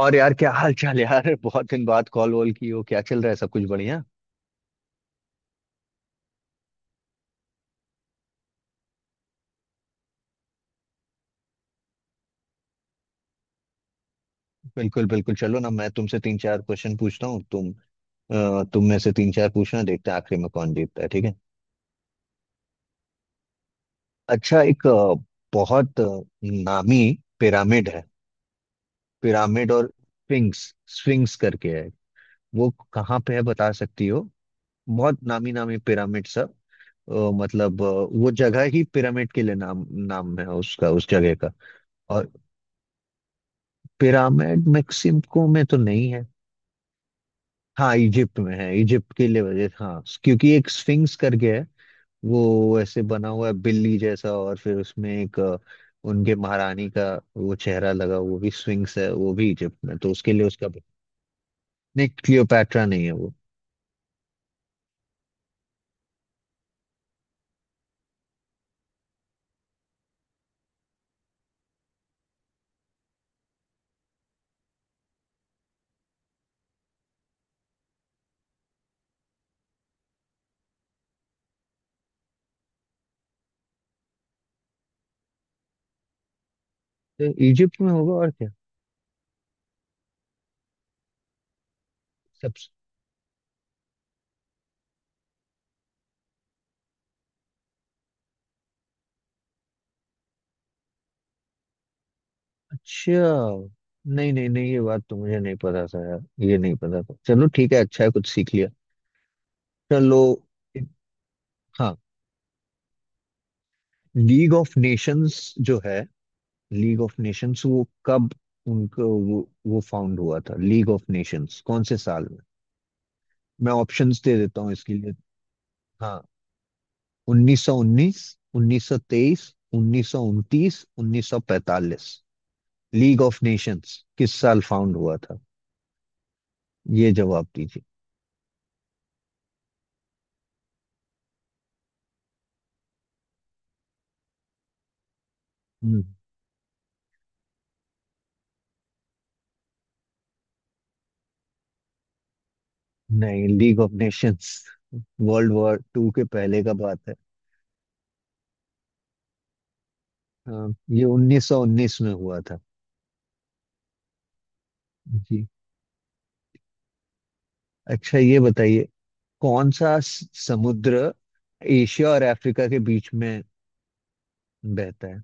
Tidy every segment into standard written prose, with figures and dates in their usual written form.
और यार क्या हाल चाल यार बहुत दिन बाद कॉल वॉल की हो? क्या चल रहा है? सब कुछ बढ़िया? बिल्कुल बिल्कुल। चलो ना, मैं तुमसे तीन चार क्वेश्चन पूछता हूँ। तुम में से तीन चार पूछना, देखते हैं आखिरी में कौन जीतता है। ठीक है? अच्छा, बहुत नामी पिरामिड है। पिरामिड और स्फिंक्स स्फिंक्स करके है। वो कहाँ पे है बता सकती हो? बहुत नामी नामी पिरामिड सब। मतलब वो जगह ही पिरामिड के लिए नाम, नाम है उसका, उस जगह का। और पिरामिड मैक्सिमको में तो नहीं है। हाँ, इजिप्ट में है। इजिप्ट के लिए वजह, हाँ क्योंकि एक स्फिंक्स करके है। वो ऐसे बना हुआ है बिल्ली जैसा, और फिर उसमें एक उनके महारानी का वो चेहरा लगा। वो भी स्फिंक्स है, वो भी इजिप्ट में, तो उसके लिए उसका। नहीं, क्लियोपैट्रा नहीं है वो। तो इजिप्ट में होगा और क्या। सबसे अच्छा। नहीं नहीं नहीं, ये बात तो मुझे नहीं पता था यार। ये नहीं पता था। चलो ठीक है, अच्छा है, कुछ सीख लिया। चलो। हाँ, लीग ऑफ नेशंस जो है, लीग ऑफ नेशंस वो कब उनको वो फाउंड हुआ था? लीग ऑफ नेशंस कौन से साल में? मैं ऑप्शंस दे देता हूँ इसके लिए। हाँ, 1919, 1923, 1929, 1945। लीग ऑफ नेशंस किस साल फाउंड हुआ था? ये जवाब दीजिए। हम्म, नहीं, League of Nations World War Two के पहले का बात है। हाँ, ये 1919 में हुआ था। जी। अच्छा ये बताइए, कौन सा समुद्र एशिया और अफ्रीका के बीच में बहता है?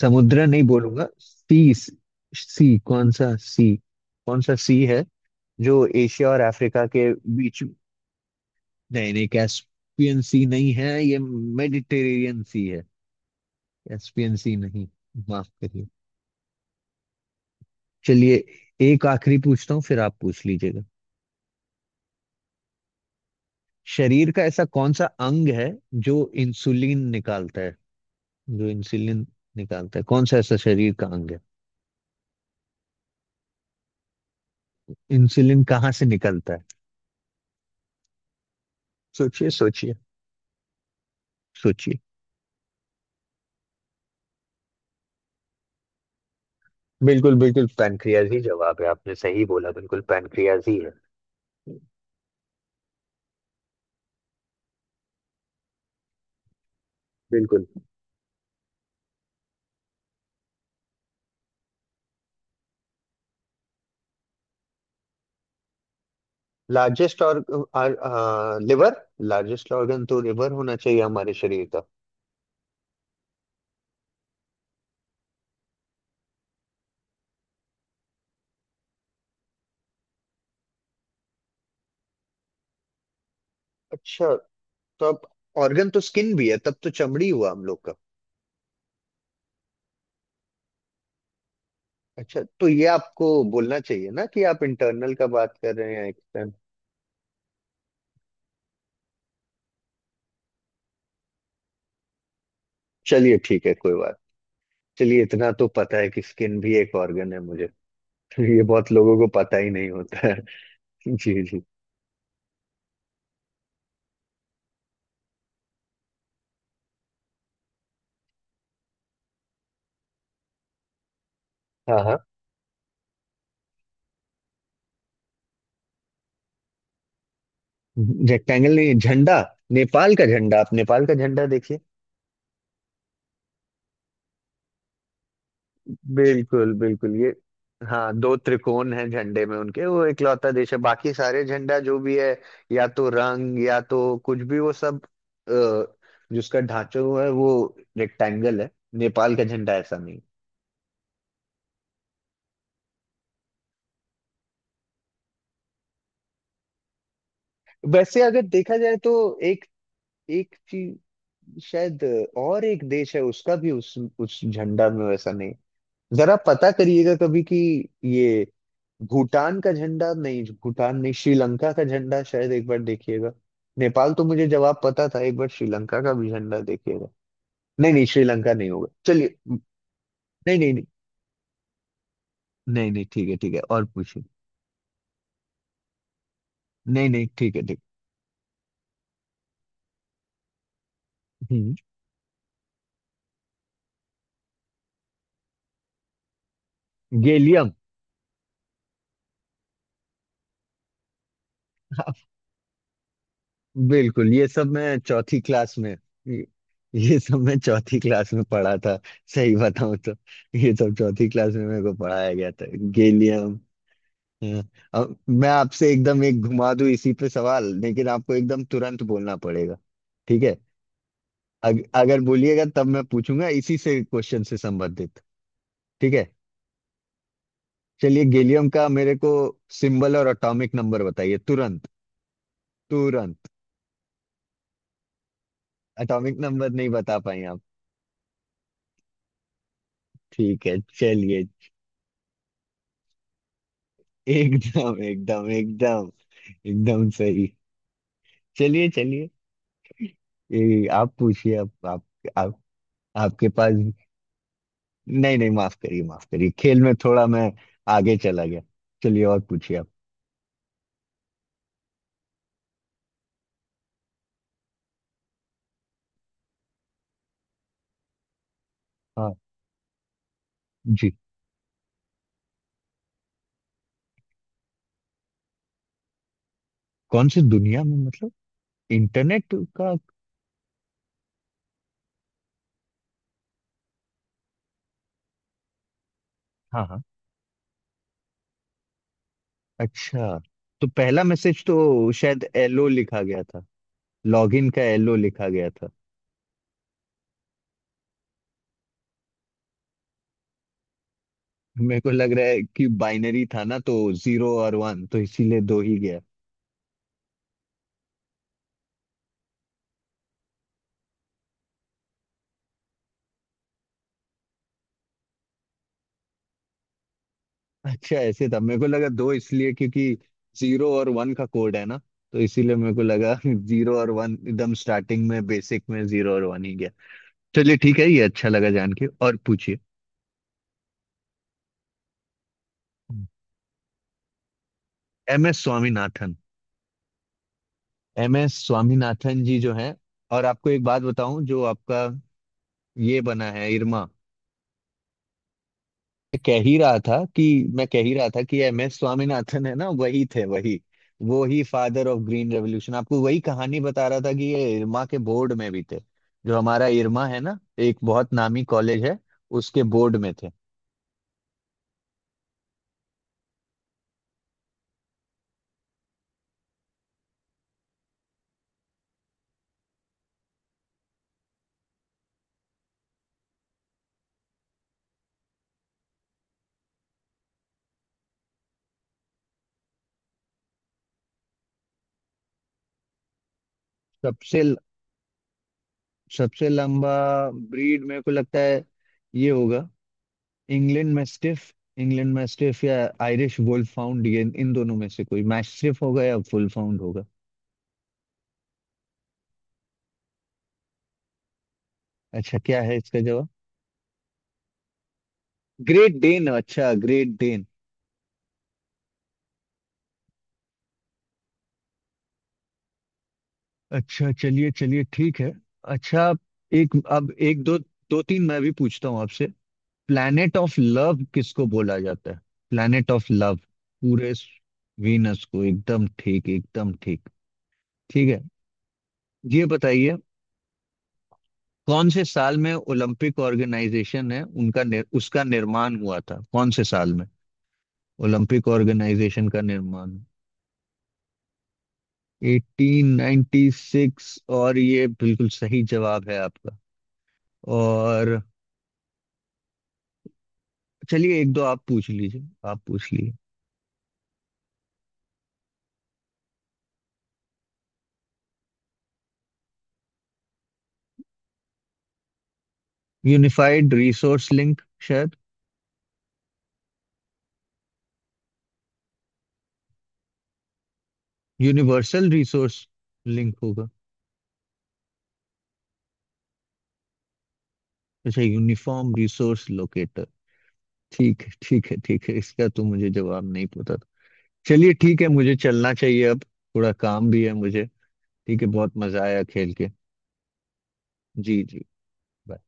समुद्र नहीं बोलूंगा, सी। सी, कौन सा सी? कौन सा सी है जो एशिया और अफ्रीका के बीच? नहीं नहीं, कैस्पियन सी नहीं है ये, मेडिटेरेनियन सी है। कैस्पियन सी नहीं। माफ करिए। चलिए, एक आखिरी पूछता हूँ फिर आप पूछ लीजिएगा। शरीर का ऐसा कौन सा अंग है जो इंसुलिन निकालता है? जो इंसुलिन निकालता है, कौन सा ऐसा शरीर का अंग है? इंसुलिन कहाँ से निकलता है? सोचिए, सोचिए, सोचिए। बिल्कुल बिल्कुल, पैनक्रियाज ही जवाब है। आपने सही बोला, बिल्कुल पैनक्रियाज ही है। बिल्कुल। लार्जेस्ट और लिवर। लार्जेस्ट ऑर्गन तो लिवर होना चाहिए हमारे शरीर का। अच्छा, तो अब ऑर्गन तो स्किन भी है, तब तो चमड़ी हुआ हम लोग का। अच्छा, तो ये आपको बोलना चाहिए ना कि आप इंटरनल का बात कर रहे हैं या एक्सटर्नल। चलिए ठीक है, कोई बात। चलिए, इतना तो पता है कि स्किन भी एक ऑर्गन है मुझे। ये बहुत लोगों को पता ही नहीं होता है। जी जी। हाँ हाँ। रेक्टेंगल नहीं, झंडा। नेपाल का झंडा, आप नेपाल का झंडा देखिए। बिल्कुल बिल्कुल ये, हाँ, दो त्रिकोण हैं झंडे में उनके। वो इकलौता देश है, बाकी सारे झंडा जो भी है या तो रंग या तो कुछ भी वो सब, अ, जिसका ढांचा हुआ है वो रेक्टेंगल है। नेपाल का झंडा ऐसा नहीं। वैसे अगर देखा जाए तो एक, एक चीज शायद, और एक देश है उसका भी, उस झंडा में वैसा नहीं। जरा पता करिएगा कभी कि ये भूटान का झंडा, नहीं भूटान नहीं, श्रीलंका का झंडा शायद, एक बार देखिएगा। नेपाल तो मुझे जवाब पता था, एक बार श्रीलंका का भी झंडा देखिएगा। नहीं नहीं, श्रीलंका नहीं होगा। चलिए। नहीं नहीं नहीं। नहीं नहीं ठीक है ठीक है, और पूछिए। नहीं नहीं ठीक है ठीक है। हम्म। गैलियम। बिल्कुल, ये सब मैं चौथी क्लास में, ये ये सब मैं चौथी क्लास में पढ़ा था। सही बताऊं तो ये सब चौथी क्लास में मेरे को पढ़ाया गया था। गैलियम। हम्म, अब मैं आपसे एकदम एक घुमा दूं इसी पे सवाल, लेकिन आपको एकदम तुरंत बोलना पड़ेगा। ठीक है? अगर बोलिएगा तब मैं पूछूंगा इसी से क्वेश्चन से संबंधित। ठीक है। चलिए, गैलियम का मेरे को सिंबल और एटॉमिक नंबर बताइए, तुरंत, तुरंत। एटॉमिक नंबर नहीं बता पाए आप। ठीक है चलिए। एकदम एकदम एकदम, एकदम सही। चलिए चलिए, ये आप पूछिए। आप, आपके पास। नहीं नहीं, माफ करिए माफ करिए, खेल में थोड़ा मैं आगे चला गया। चलिए, और पूछिए आप। हाँ। जी। कौन सी दुनिया में मतलब? इंटरनेट का? हाँ हाँ। अच्छा, तो पहला मैसेज तो शायद एलओ लिखा गया था, लॉगिन का एलओ लिखा गया था। मेरे को लग रहा है कि बाइनरी था ना, तो जीरो और वन, तो इसीलिए दो ही गया। अच्छा ऐसे था। मेरे को लगा दो इसलिए क्योंकि जीरो और वन का कोड है ना, तो इसीलिए मेरे को लगा। जीरो और वन एकदम स्टार्टिंग में, बेसिक में जीरो और वन ही गया। चलिए ठीक है, ये अच्छा लगा जान के। और पूछिए। M S Swaminathan. M S Swaminathan ji जो हैं। और आपको एक बात बताऊं, जो आपका ये बना है इरमा, मैं कह ही रहा था कि मैं कह ही रहा था कि एम एस स्वामीनाथन है ना, वही थे, वही वो ही फादर ऑफ ग्रीन रेवोल्यूशन। आपको वही कहानी बता रहा था कि ये इरमा के बोर्ड में भी थे। जो हमारा इरमा है ना, एक बहुत नामी कॉलेज है, उसके बोर्ड में थे। सबसे, सबसे लंबा ब्रीड मेरे को लगता है ये होगा, इंग्लैंड मैस्टिफ। इंग्लैंड मैस्टिफ या आयरिश वुल्फ फाउंड, ये इन दोनों में से कोई, मैस्टिफ होगा या वुल्फ फाउंड होगा। अच्छा, क्या है इसका जवाब? ग्रेट डेन, अच्छा, ग्रेट डेन। अच्छा चलिए चलिए, ठीक है। अच्छा, एक अब एक दो, दो तीन मैं भी पूछता हूँ आपसे। प्लैनेट ऑफ लव किसको बोला जाता है? प्लैनेट ऑफ लव पूरे। वीनस को, एकदम ठीक, एकदम ठीक। ठीक है, ये बताइए, कौन से साल में ओलंपिक ऑर्गेनाइजेशन है उनका उसका निर्माण हुआ था? कौन से साल में ओलंपिक ऑर्गेनाइजेशन का निर्माण? 1896, और ये बिल्कुल सही जवाब है आपका। और चलिए, एक दो आप पूछ लीजिए, आप पूछ लीजिए। यूनिफाइड रिसोर्स लिंक शायद। यूनिवर्सल रिसोर्स लिंक होगा। अच्छा, यूनिफॉर्म रिसोर्स लोकेटर। ठीक है ठीक है ठीक है, इसका तो मुझे जवाब नहीं पता था। चलिए ठीक है, मुझे चलना चाहिए अब, थोड़ा काम भी है मुझे। ठीक है, बहुत मजा आया खेल के। जी जी। bye।